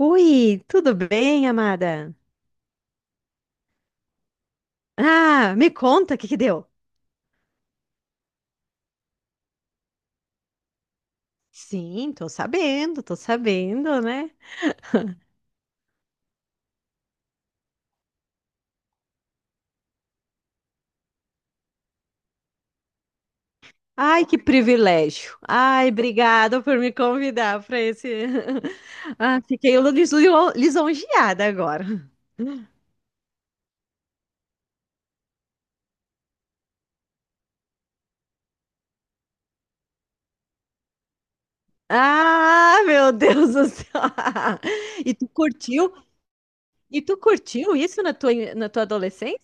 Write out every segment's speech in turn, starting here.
Ui, tudo bem, amada? Ah, me conta o que que deu. Sim, tô sabendo, né? Ai, que privilégio. Ai, obrigada por me convidar para esse. Ah, fiquei lisonjeada agora. Ah, meu Deus do céu. E tu curtiu? E tu curtiu isso na tua adolescência?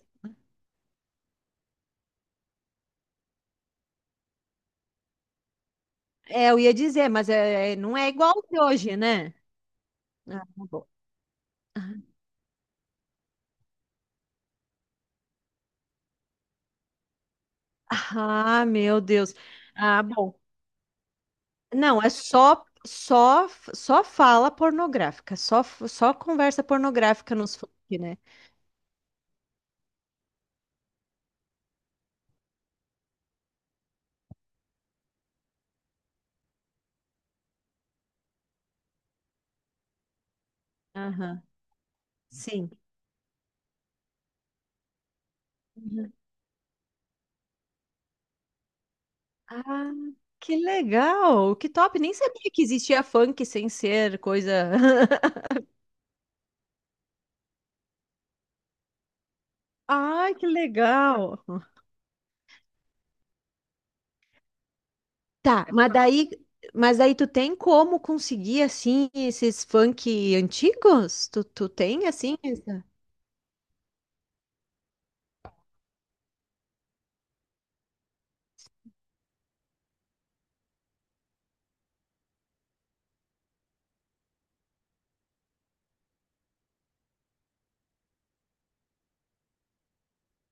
É, eu ia dizer, mas é, não é igual de hoje, né? Ah, tá bom. Ah, meu Deus. Ah, bom. Não, é só fala pornográfica, só conversa pornográfica nos funk, né? Aham. Sim. Uhum. Ah, que legal! Que top! Nem sabia que existia funk sem ser coisa. Ai, que legal! Tá, mas daí tu tem como conseguir assim esses funk antigos? Tu tem assim?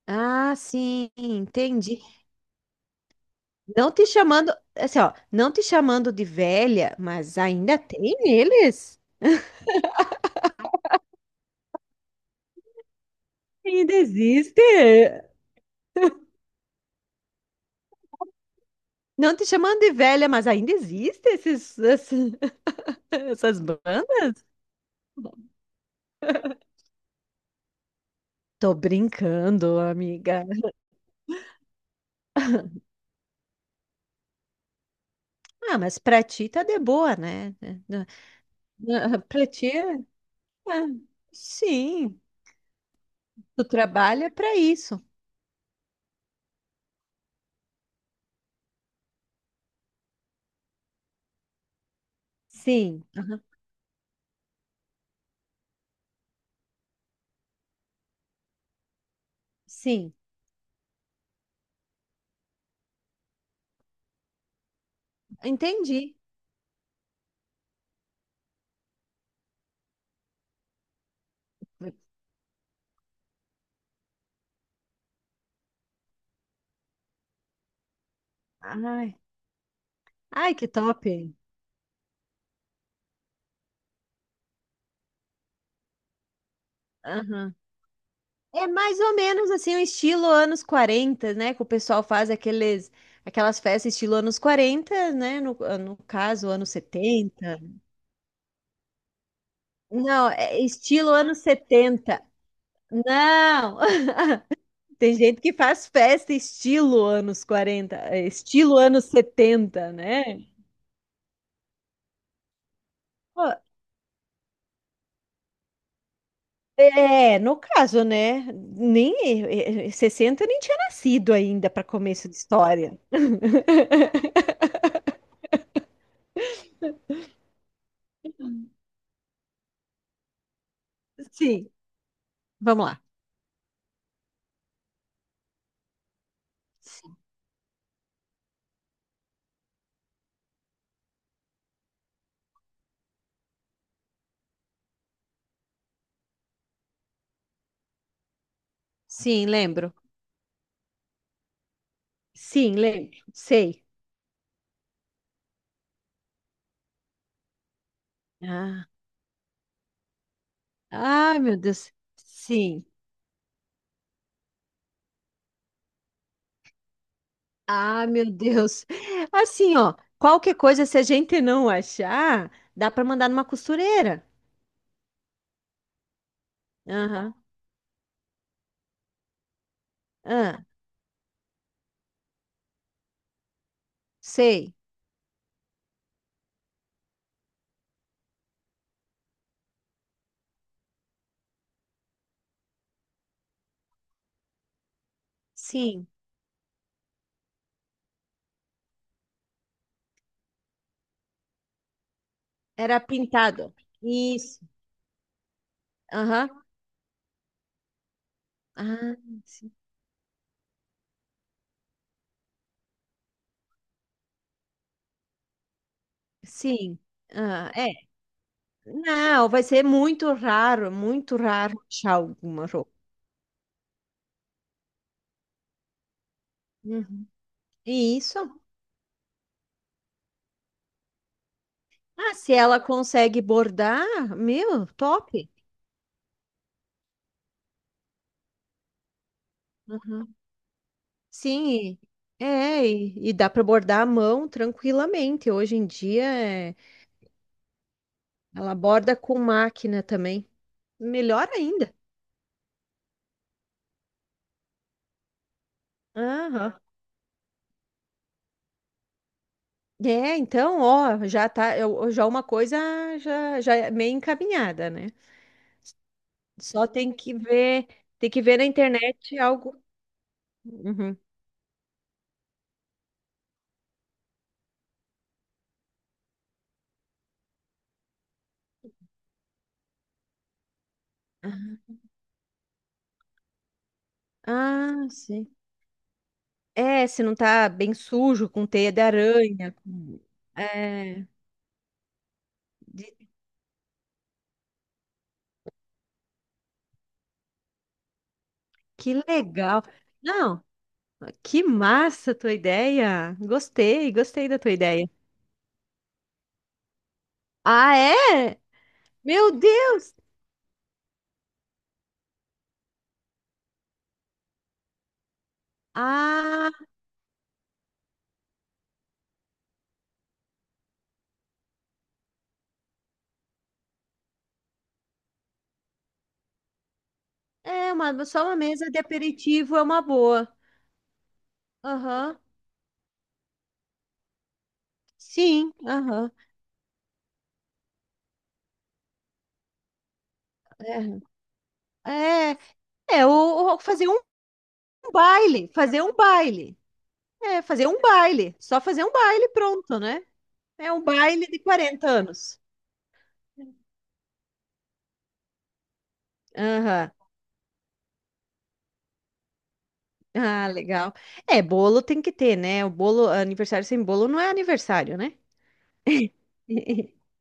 Ah, sim, entendi. Não te chamando, assim, ó, não te chamando de velha, mas ainda tem eles? Ainda existe? Não te chamando de velha, mas ainda existe esses. Essas bandas? Tô brincando, amiga. Ah, mas pra ti tá de boa, né? Não- Pra ti, ah, sim. Tu trabalha pra isso. Sim, aham, sim. Entendi. Ai, ai, que top. Aham. É mais ou menos assim, um estilo anos 40, né? Que o pessoal faz aquelas festas estilo anos 40, né? No caso, anos 70. Não, é estilo anos 70. Não! Tem gente que faz festa estilo anos 40, é, estilo anos 70, né? Pô, é, no caso, né? Nem 60 nem tinha nascido ainda para começo de história. Sim, vamos lá. Sim, lembro. Sim, lembro. Sei. Ah, ah, meu Deus. Sim. Ah, meu Deus. Assim, ó, qualquer coisa, se a gente não achar, dá para mandar numa costureira. Aham. Ah, sei. Sim. Era pintado. Isso. Aham. Ah, sim. Sim. Ah, é. Não, vai ser muito raro achar alguma roupa. Uhum. Isso. Ah, se ela consegue bordar, meu, top. Sim, e dá para bordar à mão tranquilamente. Hoje em dia, é, ela borda com máquina também. Melhor ainda. Aham. É, então, ó, já tá, já uma coisa já é meio encaminhada, né? Só tem que ver na internet algo. Uhum. Ah, sim. É, se não tá bem sujo, com teia de aranha. É, de- que legal. Não. Que massa a tua ideia! Gostei, gostei da tua ideia. Ah, é? Meu Deus! Ah, é, só uma mesa de aperitivo é uma boa. Aham. Sim, aham. É, é, é ou fazer um baile, fazer um baile. É, fazer um baile. Só fazer um baile, pronto, né? É um baile de 40 anos. Aham. Ah, legal. É, bolo tem que ter, né? O bolo, aniversário sem bolo não é aniversário, né?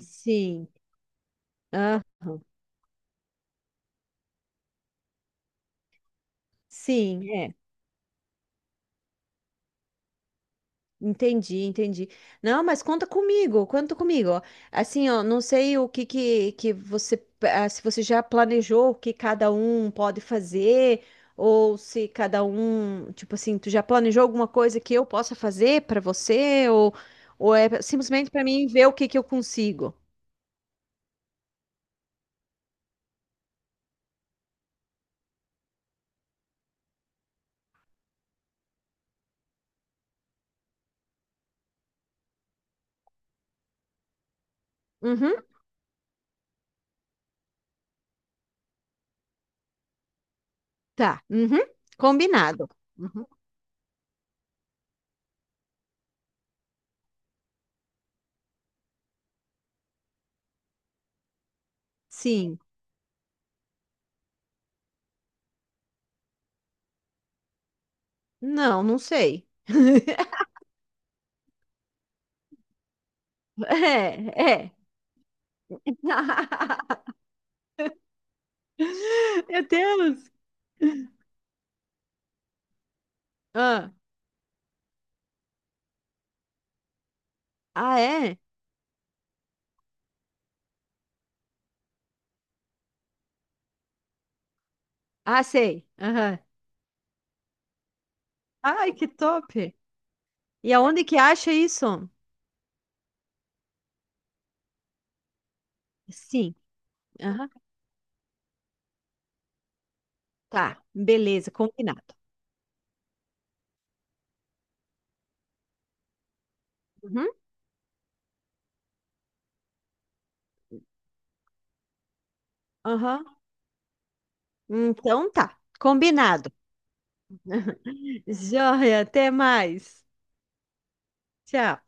Sim. Aham. Sim, é. Entendi, entendi. Não, mas conta comigo, conta comigo. Assim, ó, não sei o que que você, se você já planejou o que cada um pode fazer, ou se cada um, tipo assim, tu já planejou alguma coisa que eu possa fazer para você, ou, é simplesmente para mim ver o que que eu consigo. Uhum, tá. Uhum, combinado. Uhum. Sim. Não, não sei. É, é. Meu Deus! Ah, ah, é? Ah, sei. Aham. Ai, que top. E aonde que acha isso? Sim. Aham. Tá, beleza, combinado. Uhum. Aham. Então tá, combinado. Joia, até mais. Tchau.